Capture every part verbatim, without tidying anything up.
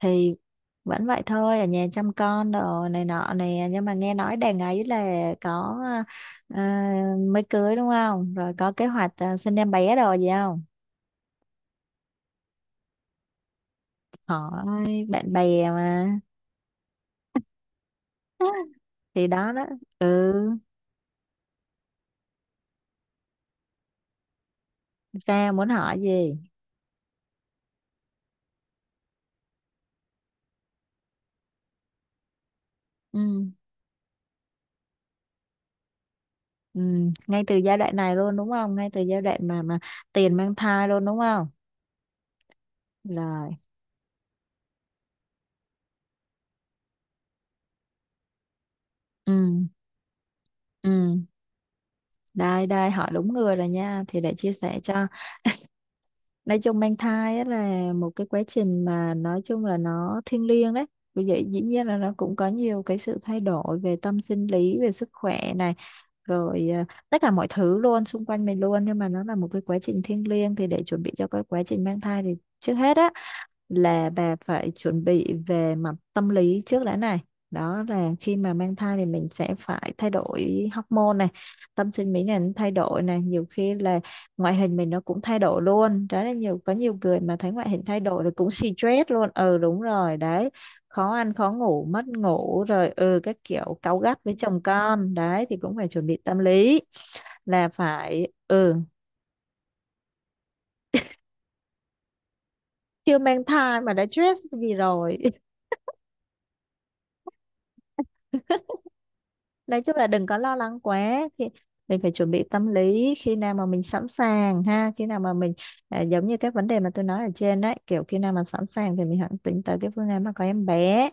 Thì vẫn vậy thôi, ở nhà chăm con đồ này nọ nè, nhưng mà nghe nói đàn ấy là có, à, mới cưới đúng không? Rồi có kế hoạch, à, sinh em bé đồ gì không? Hỏi bạn bè mà. Thì đó đó. Ừ, sao muốn hỏi gì? Ừ. Ừ, ngay từ giai đoạn này luôn đúng không? Ngay từ giai đoạn mà mà tiền mang thai luôn đúng không? Rồi. Ừ. Ừ, đây đây hỏi đúng người rồi nha, thì để chia sẻ cho. Nói chung mang thai á là một cái quá trình mà nói chung là nó thiêng liêng đấy. Vì vậy dĩ nhiên là nó cũng có nhiều cái sự thay đổi về tâm sinh lý, về sức khỏe này, rồi à, tất cả mọi thứ luôn xung quanh mình luôn. Nhưng mà nó là một cái quá trình thiêng liêng, thì để chuẩn bị cho cái quá trình mang thai thì trước hết á là bà phải chuẩn bị về mặt tâm lý trước đã này. Đó là khi mà mang thai thì mình sẽ phải thay đổi hormone này, tâm sinh lý này nó thay đổi này, nhiều khi là ngoại hình mình nó cũng thay đổi luôn. Đó là nhiều, có nhiều người mà thấy ngoại hình thay đổi rồi cũng stress luôn. Ừ, đúng rồi đấy, khó ăn khó ngủ, mất ngủ rồi, ừ, các kiểu cáu gắt với chồng con đấy, thì cũng phải chuẩn bị tâm lý là phải. Ừ, chưa mang thai mà đã stress vì rồi. Nói chung là đừng có lo lắng quá. Khi mình phải chuẩn bị tâm lý, khi nào mà mình sẵn sàng ha, khi nào mà mình, à, giống như các vấn đề mà tôi nói ở trên đấy, kiểu khi nào mà sẵn sàng thì mình hẳn tính tới cái phương án mà có em bé.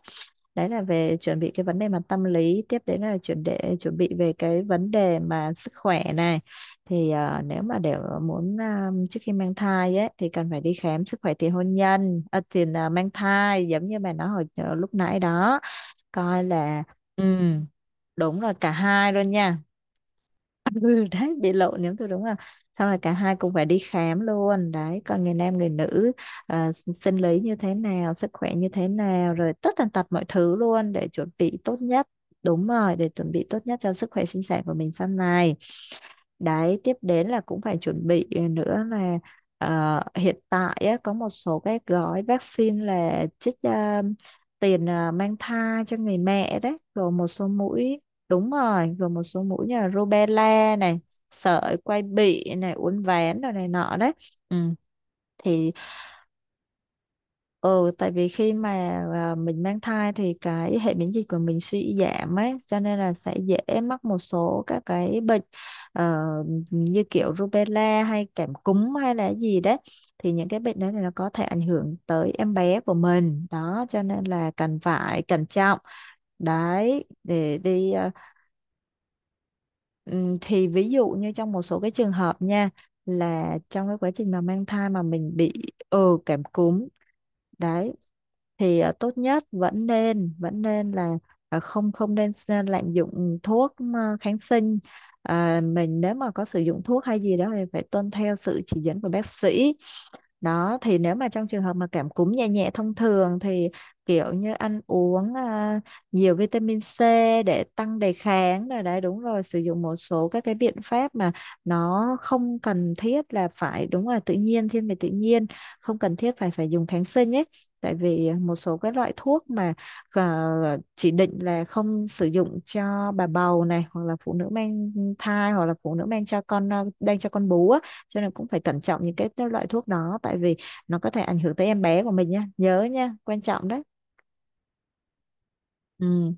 Đấy là về chuẩn bị cái vấn đề mà tâm lý. Tiếp đến là chuẩn, để chuẩn bị về cái vấn đề mà sức khỏe này, thì à, nếu mà để muốn, à, trước khi mang thai ấy thì cần phải đi khám sức khỏe tiền hôn nhân, à, tiền, à, mang thai, giống như bà nói hồi ờ, lúc nãy đó, coi là. Ừ, đúng rồi, cả hai luôn nha. Ừ, đấy bị lộ nếu tôi đúng là, xong rồi cả hai cũng phải đi khám luôn đấy, còn người nam người nữ, à, s- sinh lý như thế nào, sức khỏe như thế nào, rồi tất tần tật mọi thứ luôn, để chuẩn bị tốt nhất. Đúng rồi, để chuẩn bị tốt nhất cho sức khỏe sinh sản của mình sau này. Đấy, tiếp đến là cũng phải chuẩn bị nữa là, ờ, hiện tại á, có một số cái gói vaccine là chích, ờ, tiền, ờ, mang thai cho người mẹ đấy, rồi một số mũi. Đúng rồi, gồm một số mũi như là rubella này, sởi quai bị này, uốn ván rồi này nọ đấy. Ừ. Thì, ừ, tại vì khi mà, à, mình mang thai thì cái hệ miễn dịch của mình suy giảm ấy, cho nên là sẽ dễ mắc một số các cái bệnh, ờ, như kiểu rubella hay cảm cúm hay là gì đấy. Thì những cái bệnh đó thì nó có thể ảnh hưởng tới em bé của mình đó, cho nên là cần phải cẩn trọng đấy, để đi, ờ. Ừm, thì ví dụ như trong một số cái trường hợp nha, là trong cái quá trình mà mang thai mà mình bị, ừ, cảm cúm đấy, thì à, tốt nhất vẫn nên, vẫn nên là à, không không nên s- lạm dụng thuốc, à, kháng sinh. À, mình nếu mà có sử dụng thuốc hay gì đó thì phải tuân theo sự chỉ dẫn của bác sĩ. Đó thì nếu mà trong trường hợp mà cảm cúm nhẹ nhẹ thông thường thì kiểu như ăn uống, à, nhiều vitamin C để tăng đề kháng rồi đấy. Đúng rồi, sử dụng một số các cái biện pháp mà nó không cần thiết là phải, đúng là tự nhiên, thiên về tự nhiên, không cần thiết phải phải dùng kháng sinh ấy. Tại vì một số cái loại thuốc mà, à, chỉ định là không sử dụng cho bà bầu này, hoặc là phụ nữ mang thai, hoặc là phụ nữ mang cho con, à, đang cho con bú á, cho nên cũng phải cẩn trọng những cái loại thuốc đó. Tại vì nó có thể ảnh hưởng tới em bé của mình nhá, nhớ nhá, quan trọng đấy. Ừ.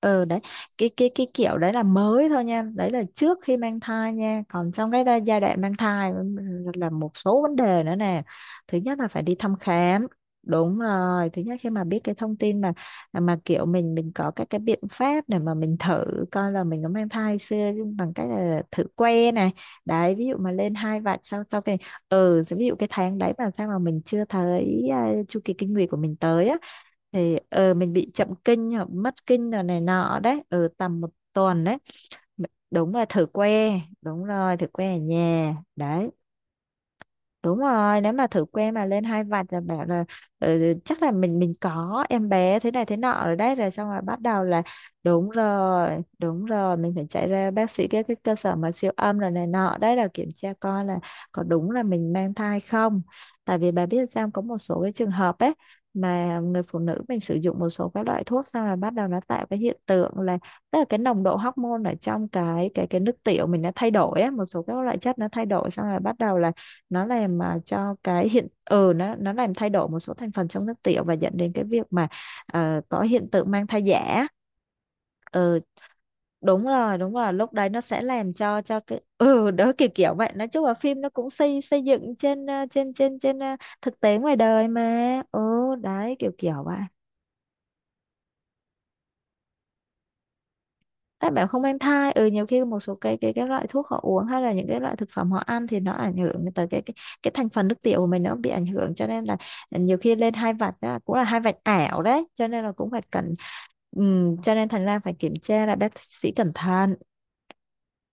Ừ đấy, cái cái cái kiểu đấy là mới thôi nha, đấy là trước khi mang thai nha. Còn trong cái đa- giai đoạn mang thai là một số vấn đề nữa nè. Thứ nhất là phải đi thăm khám. Đúng rồi, thứ nhất khi mà biết cái thông tin mà mà kiểu mình mình có các cái biện pháp để mà mình thử coi là mình có mang thai xưa, bằng cách là thử que này. Đấy, ví dụ mà lên hai vạch, sau sau cái, ừ, ví dụ cái tháng đấy mà sao mà mình chưa thấy, à, chu kỳ kinh nguyệt của mình tới á, thì ờ mình bị chậm kinh hoặc mất kinh rồi này nọ đấy, ở tầm một tuần đấy. Đúng là thử que, đúng rồi, thử que ở nhà đấy. Đúng rồi, nếu mà thử que mà lên hai vạch là bảo là, ừ, ừ, chắc là mình mình có em bé thế này thế nọ ở đấy, rồi xong rồi bắt đầu là. Đúng rồi, đúng rồi, mình phải chạy ra bác sĩ, các cái cơ sở mà siêu âm rồi này nọ đấy, là kiểm tra coi là có đúng là mình mang thai không. Tại vì bà biết sao, có một số cái trường hợp ấy mà người phụ nữ mình sử dụng một số các loại thuốc xong là bắt đầu nó tạo cái hiện tượng là, tức là cái nồng độ hormone ở trong cái cái cái nước tiểu mình nó thay đổi á, một số các loại chất nó thay đổi xong rồi bắt đầu là nó làm mà cho cái hiện, ừ, nó nó làm thay đổi một số thành phần trong nước tiểu, và dẫn đến cái việc mà, ờ, có hiện tượng mang thai giả. Ừ, đúng rồi, đúng rồi, lúc đấy nó sẽ làm cho cho cái ừ đó, kiểu kiểu vậy. Nói chung là phim nó cũng xây xây dựng trên ờ, trên trên trên ờ, thực tế ngoài đời mà, ừ đấy, kiểu kiểu vậy. Các bạn không mang thai, ừ, nhiều khi một số cái cái cái loại thuốc họ uống, hay là những cái loại thực phẩm họ ăn, thì nó ảnh hưởng tới cái cái, cái thành phần nước tiểu của mình nó bị ảnh hưởng, cho nên là, ừ, nhiều khi lên hai vạch á, cũng là hai vạch ảo đấy, cho nên là cũng phải cần, ừm, cho nên thành ra phải kiểm tra là bác sĩ cẩn thận.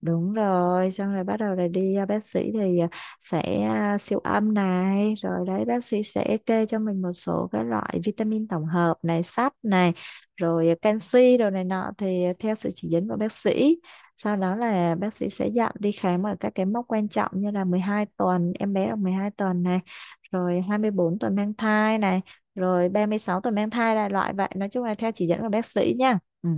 Đúng rồi, xong rồi bắt đầu là đi, à, bác sĩ thì à, sẽ à, siêu âm này, rồi đấy bác sĩ sẽ kê cho mình một số các loại vitamin tổng hợp này, sắt này, rồi à, canxi đồ này nọ, thì à, theo sự chỉ dẫn của bác sĩ. Sau đó là bác sĩ sẽ dặn đi khám ở các cái mốc quan trọng, như là mười hai tuần, em bé được mười hai tuần này, rồi hai mươi bốn tuần mang thai này, rồi ba mươi sáu tuần mang thai là loại vậy. Nói chung là theo chỉ dẫn của bác sĩ nha. Ừ.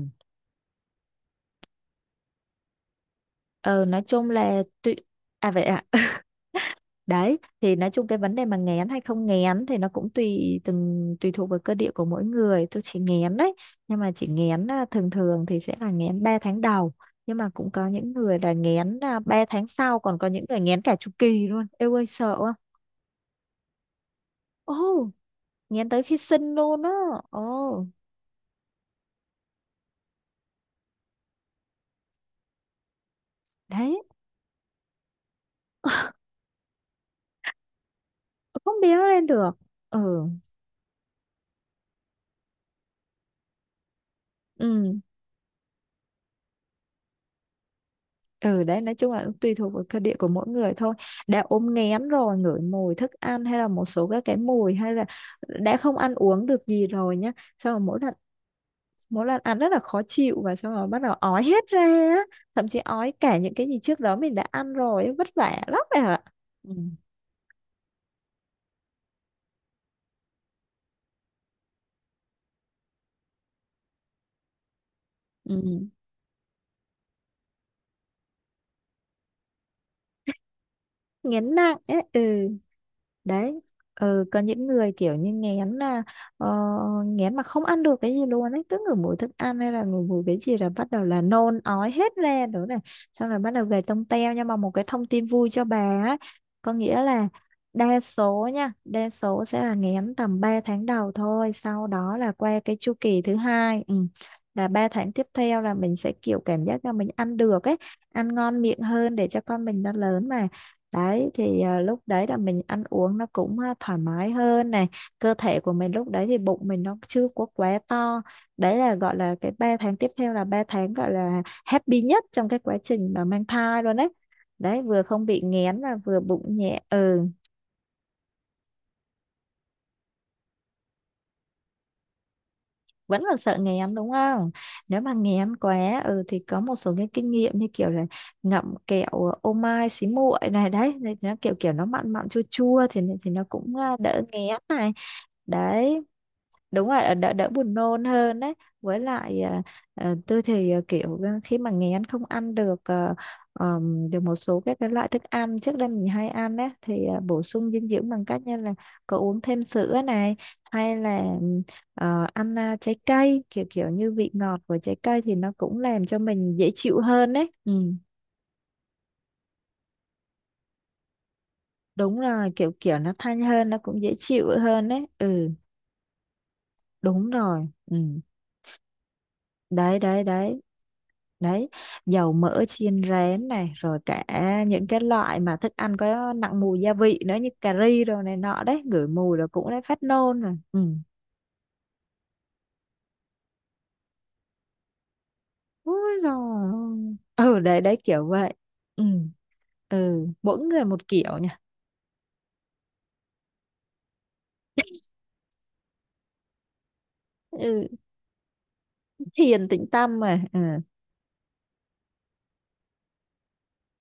Ờ, nói chung là tuy... À vậy ạ. Đấy, thì nói chung cái vấn đề mà nghén hay không nghén thì nó cũng tùy, từng tùy thuộc vào cơ địa của mỗi người. Tôi chỉ nghén đấy, nhưng mà chỉ nghén à, thường thường thì sẽ là nghén ba tháng đầu. Nhưng mà cũng có những người là nghén à, ba tháng sau, còn có những người nghén cả chu kỳ luôn. Eo ơi sợ quá. Ồ, nghén tới khi sinh luôn á. Ồ, đấy, không biết lên được. Ừ, ừ. Ừ đấy, nói chung là cũng tùy thuộc vào cơ địa của mỗi người thôi. Đã ốm nghén rồi, ngửi mùi thức ăn hay là một số các cái mùi, hay là đã không ăn uống được gì rồi nhá. Xong rồi mỗi lần mỗi lần ăn rất là khó chịu, và xong rồi bắt đầu ói hết ra á. Thậm chí ói cả những cái gì trước đó mình đã ăn rồi ấy, vất vả lắm rồi ạ. Ừ. Ừ. nghén nặng ấy, ừ. Đấy. Ừ, có những người kiểu như nghén là ờ, nghén mà không ăn được cái gì luôn ấy, cứ ngửi mùi thức ăn hay là ngửi mùi cái gì là bắt đầu là nôn ói hết ra nữa này. Xong rồi bắt đầu gầy tông teo, nhưng mà một cái thông tin vui cho bà ấy có nghĩa là đa số nha, đa số sẽ là nghén tầm ba tháng đầu thôi, sau đó là qua cái chu kỳ thứ hai. Ừ. Là ba tháng tiếp theo là mình sẽ kiểu cảm giác là mình ăn được ấy, ăn ngon miệng hơn để cho con mình nó lớn mà. Đấy thì à, lúc đấy là mình ăn uống nó cũng à, thoải mái hơn này. Cơ thể của mình lúc đấy thì bụng mình nó chưa có quá to. Đấy là gọi là cái ba tháng tiếp theo là ba tháng gọi là happy nhất trong cái quá trình mà mang thai luôn đấy. Đấy, vừa không bị nghén và vừa bụng nhẹ. Ừ. Vẫn là sợ nghén đúng không? Nếu mà nghén quá, ừ, thì có một số cái kinh nghiệm như kiểu là ngậm kẹo ô mai xí muội này. Đấy thì nó kiểu kiểu nó mặn mặn chua chua thì thì nó cũng à, đỡ nghén này. Đấy, đúng rồi, đỡ đỡ buồn nôn hơn đấy. Với lại à, à, tôi thì à, kiểu ờ, khi mà nghén không ăn được à, ờm, được một số các cái loại thức ăn trước đây mình hay ăn đấy thì à, bổ sung dinh dưỡng bằng cách như là có uống thêm sữa này, hay là ừm, ờ, ăn à, trái cây, kiểu kiểu như vị ngọt của trái cây thì nó cũng làm cho mình dễ chịu hơn đấy. Ừ. Đúng rồi, kiểu kiểu nó thanh hơn nó cũng dễ chịu hơn đấy. Ừ. Đúng rồi. Ừ. Đấy đấy đấy. Đấy, dầu mỡ chiên rén này, rồi cả những cái loại mà thức ăn có nặng mùi gia vị nữa như cà ri rồi này nọ, đấy ngửi mùi là cũng đã phát nôn rồi. Ừ. Ôi rồi. Ừ đấy đấy kiểu vậy. Ừ. Ừ, mỗi người một kiểu nha. Ừ, thiền tĩnh tâm mà. Ừ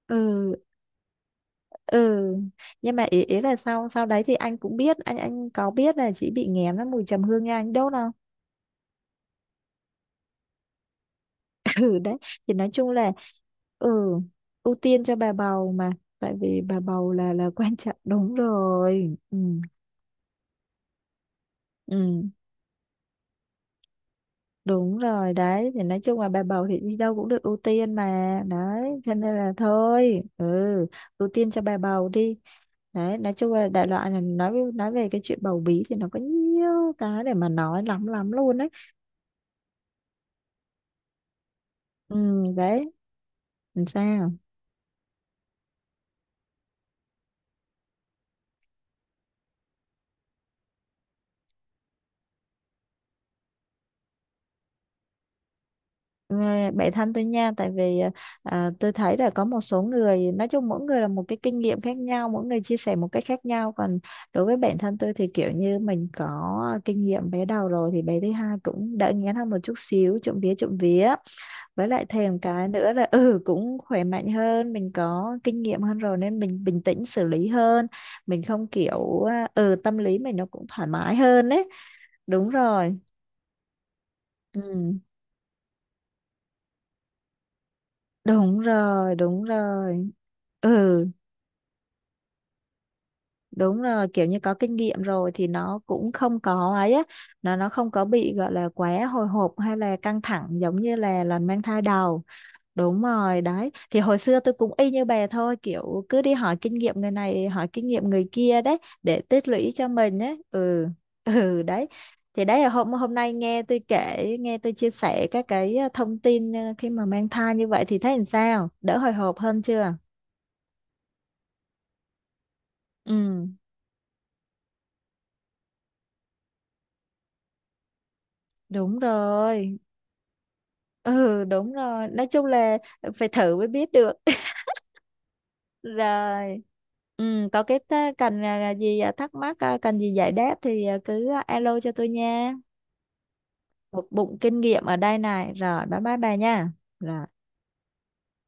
ừ. Ừ. Nhưng mà ý, ý là sau sau đấy thì anh cũng biết, anh anh có biết là chị bị nghén với mùi trầm hương nha, anh đốt không? Ừ. Đấy thì nói chung là, ừ, ưu tiên cho bà bầu mà, tại vì bà bầu là là quan trọng, đúng rồi. Ừ. Ừ đúng rồi. Đấy thì nói chung là bà bầu thì đi đâu cũng được ưu tiên mà, đấy cho nên là thôi. Ừ, ưu tiên cho bà bầu đi. Đấy, nói chung là đại loại là nói nói về cái chuyện bầu bí thì nó có nhiều cái để mà nói lắm lắm luôn đấy. Ừ. Đấy. Làm sao? Nghe bạn thân tôi nha, tại vì ờ, à, tôi thấy là có một số người nói chung mỗi người là một cái kinh nghiệm khác nhau, mỗi người chia sẻ một cách khác nhau. Còn đối với bản thân tôi thì kiểu như mình có kinh nghiệm bé đầu rồi thì bé thứ hai cũng đỡ ngén hơn một chút xíu, trộm vía trộm vía. Với lại thêm cái nữa là, ừ, cũng khỏe mạnh hơn, mình có kinh nghiệm hơn rồi nên mình bình tĩnh xử lý hơn, mình không kiểu à, ừ, tâm lý mình nó cũng thoải mái hơn đấy. Đúng rồi. Ừ, đúng rồi, đúng rồi. Ừ. Đúng rồi, kiểu như có kinh nghiệm rồi thì nó cũng không có ấy á, nó nó không có bị gọi là quá hồi hộp hay là căng thẳng giống như là lần mang thai đầu. Đúng rồi. Đấy thì hồi xưa tôi cũng y như bà thôi, kiểu cứ đi hỏi kinh nghiệm người này, hỏi kinh nghiệm người kia đấy để tích lũy cho mình ấy. Ừ ừ đấy. Thì đấy là hôm hôm nay nghe tôi kể, nghe tôi chia sẻ các cái ờ, thông tin ờ, khi mà mang thai như vậy thì thấy làm sao, đỡ hồi hộp hơn chưa? Ừ. Đúng rồi. Ừ, đúng rồi, nói chung là phải thử mới biết được. Rồi. Ừ, có cái ta- cần à, gì à, thắc mắc à, cần gì giải đáp thì à, cứ à, alo cho tôi nha. Một bụng kinh nghiệm ở đây này, rồi bye bye bà nha. Rồi.